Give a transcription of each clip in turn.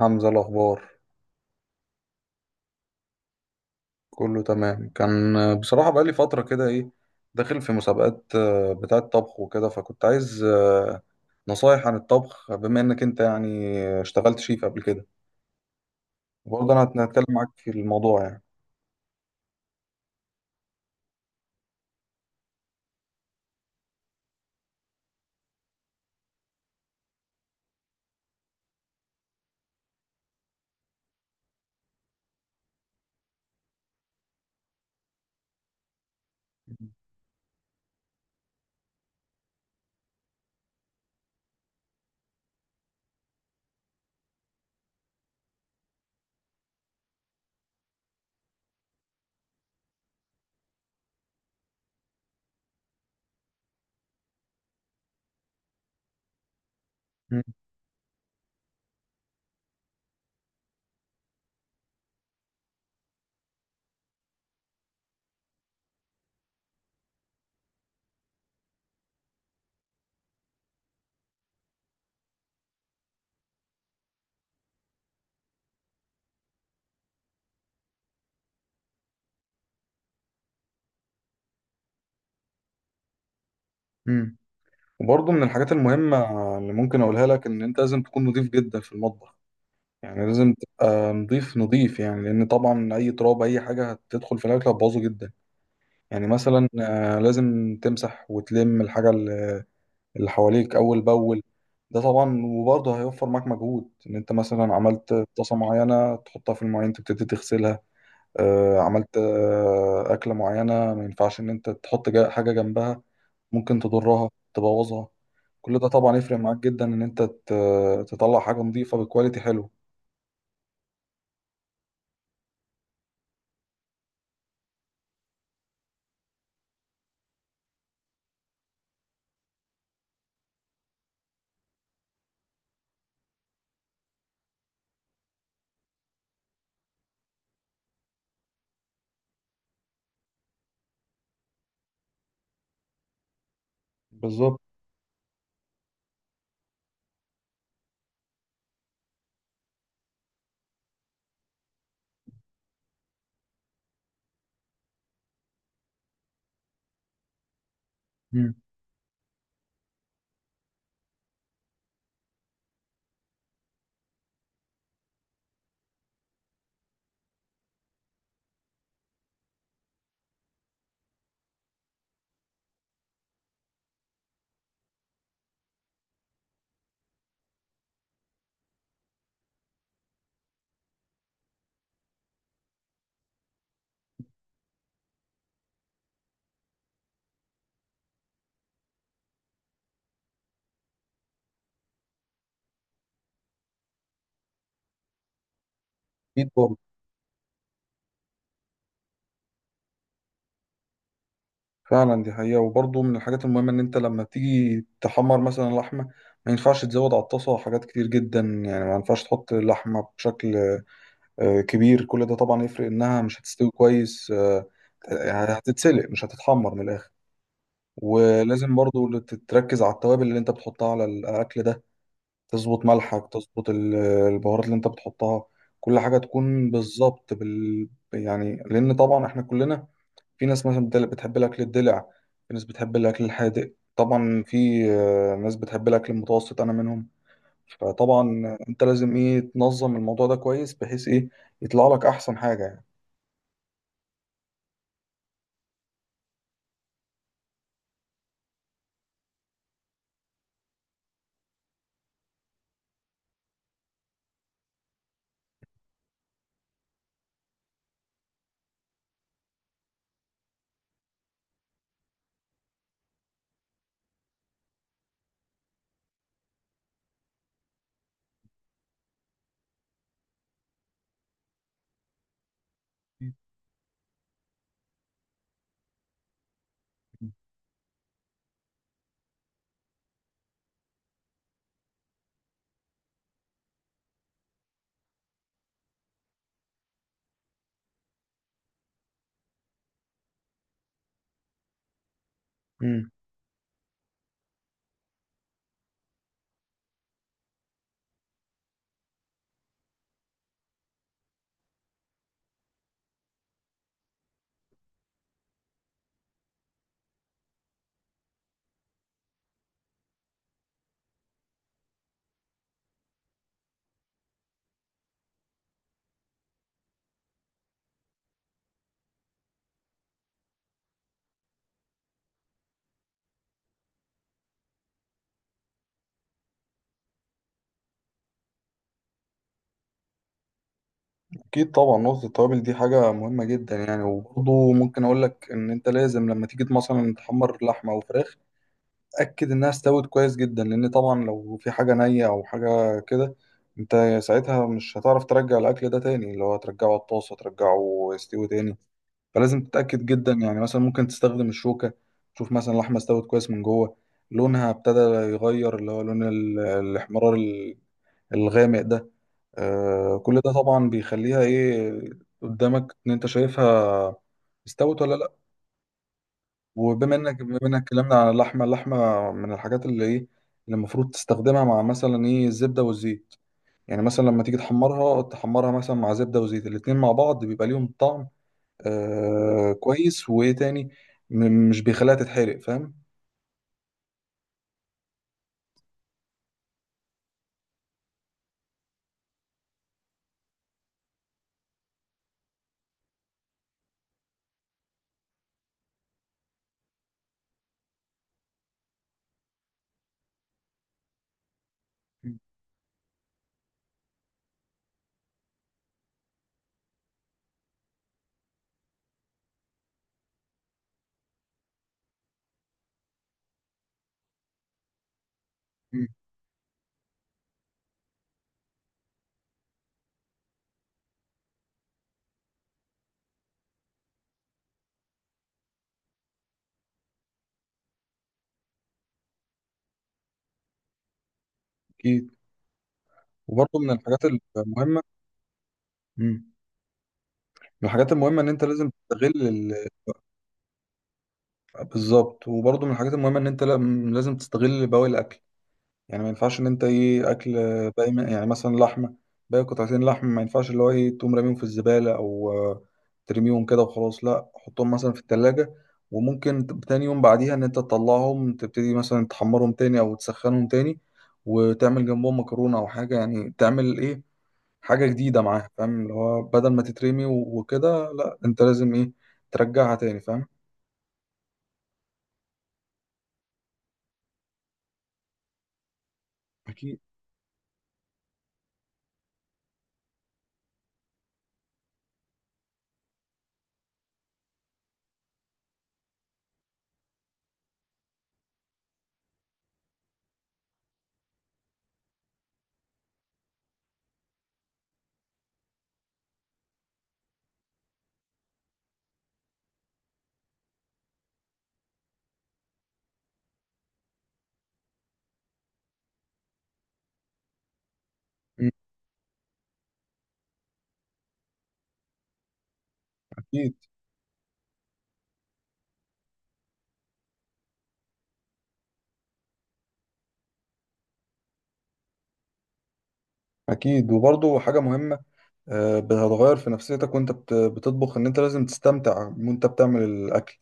حمزة، الأخبار كله تمام. كان بصراحة بقالي فترة كده إيه، داخل في مسابقات بتاعة طبخ وكده، فكنت عايز نصايح عن الطبخ بما إنك أنت يعني اشتغلت شيف قبل كده. وبرضه أنا هتكلم معاك في الموضوع يعني. مم. مم. وبرضه من الحاجات المهمة اللي ممكن أقولها لك إن أنت لازم تكون نضيف جدا في المطبخ. يعني لازم تبقى نضيف نضيف، يعني لأن طبعا أي تراب أي حاجة هتدخل في الأكل هتبوظه جدا. يعني مثلا لازم تمسح وتلم الحاجة اللي حواليك اول باول. ده طبعا وبرضه هيوفر معاك مجهود، ان انت مثلا عملت طاسه معينه تحطها في المواعين تبتدي تغسلها. عملت اكله معينه، ما ينفعش ان انت تحط حاجه جنبها، ممكن تضرها تبوظها. كل ده طبعا يفرق معاك جدا، ان انت تطلع حاجه نظيفه بكواليتي حلو. بالظبط. مم. اكيد. فعلا دي حقيقة. وبرضه من الحاجات المهمة إن أنت لما تيجي تحمر مثلا لحمة، ما ينفعش تزود على الطاسة حاجات كتير جدا. يعني ما ينفعش تحط اللحمة بشكل كبير. كل ده طبعا يفرق، إنها مش هتستوي كويس. يعني هتتسلق مش هتتحمر من الآخر. ولازم برضه تركز على التوابل اللي أنت بتحطها على الأكل ده. تظبط ملحك، تظبط البهارات اللي أنت بتحطها، كل حاجة تكون بالظبط يعني، لأن طبعا إحنا كلنا، في ناس مثلا بتحب الأكل الدلع، في ناس بتحب الأكل الحادق، طبعا في ناس بتحب الأكل المتوسط أنا منهم. فطبعا أنت لازم إيه، تنظم الموضوع ده كويس، بحيث إيه يطلع لك أحسن حاجة يعني. مم. أكيد طبعا. نقطة التوابل دي حاجة مهمة جدا يعني. وبرضه ممكن أقول لك إن أنت لازم لما تيجي مثلا تحمر لحمة أو فراخ، اتاكد انها استوت كويس جدا. لان طبعا لو في حاجه نيه او حاجه كده، انت ساعتها مش هتعرف ترجع الاكل ده تاني، اللي هو ترجعه على الطاسه ترجعه يستوي تاني. فلازم تتاكد جدا. يعني مثلا ممكن تستخدم الشوكه، تشوف مثلا اللحمه استوت كويس من جوه، لونها ابتدى يغير، اللي هو لون الاحمرار الغامق ده. آه، كل ده طبعا بيخليها ايه، قدامك ان انت شايفها استوت ولا لا. وبما انك بما انك اتكلمنا على اللحمه، اللحمه من الحاجات اللي ايه، اللي المفروض تستخدمها مع مثلا ايه، الزبده والزيت. يعني مثلا لما تيجي تحمرها، تحمرها مثلا مع زبده وزيت، الاتنين مع بعض بيبقى ليهم طعم آه كويس، وايه تاني، مش بيخليها تتحرق، فاهم. مم. مم. اكيد. وبرضه من الحاجات المهمه، مم، من الحاجات المهمه ان انت لازم تستغل بالظبط. وبرضه من الحاجات المهمه ان انت لازم تستغل بواقي الاكل. يعني ما ينفعش ان انت ايه، اكل يعني مثلا لحمه باقي، قطعتين لحم، ما ينفعش اللي هو ايه تقوم راميهم في الزباله، او ترميهم كده وخلاص. لا، حطهم مثلا في التلاجة، وممكن تاني يوم بعديها ان انت تطلعهم، تبتدي مثلا تحمرهم تاني او تسخنهم تاني، وتعمل جنبهم مكرونه او حاجه. يعني تعمل ايه، حاجه جديده معاها، فاهم. اللي هو بدل ما تترمي وكده، لا انت لازم ايه، ترجعها تاني فاهم. أكيد. مم. اكيد. اكيد. وبرضه حاجه مهمه، هتغير في نفسيتك وانت بتطبخ، ان انت لازم تستمتع وانت بتعمل الاكل.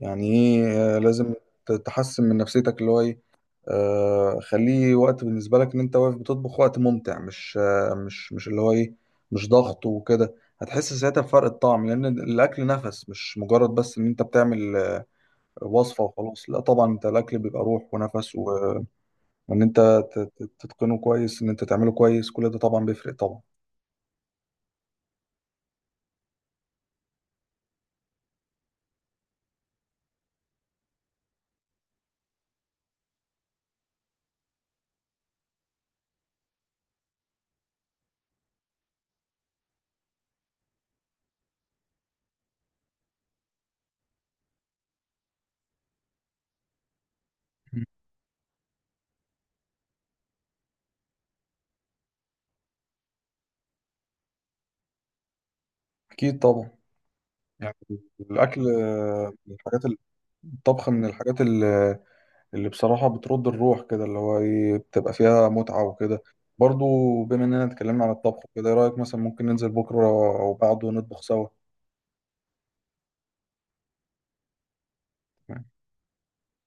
يعني ايه، لازم تحسن من نفسيتك، اللي هو ايه، خليه وقت بالنسبه لك ان انت واقف بتطبخ وقت ممتع، مش اللي هو ايه، مش ضغط وكده. هتحس ساعتها بفرق الطعم، لان الاكل نفس، مش مجرد بس ان انت بتعمل وصفه وخلاص. لا، طبعا انت الاكل بيبقى روح ونفس، وان انت تتقنه كويس، ان انت تعمله كويس، كل ده طبعا بيفرق طبعا. اكيد طبعا. يعني الأكل من الطبخ من الحاجات اللي بصراحة بترد الروح كده، اللي هو إيه، بتبقى فيها متعة وكده برضو. بما إننا اتكلمنا عن الطبخ كده، إيه رأيك مثلا ممكن ننزل بكرة أو بعده نطبخ سوا؟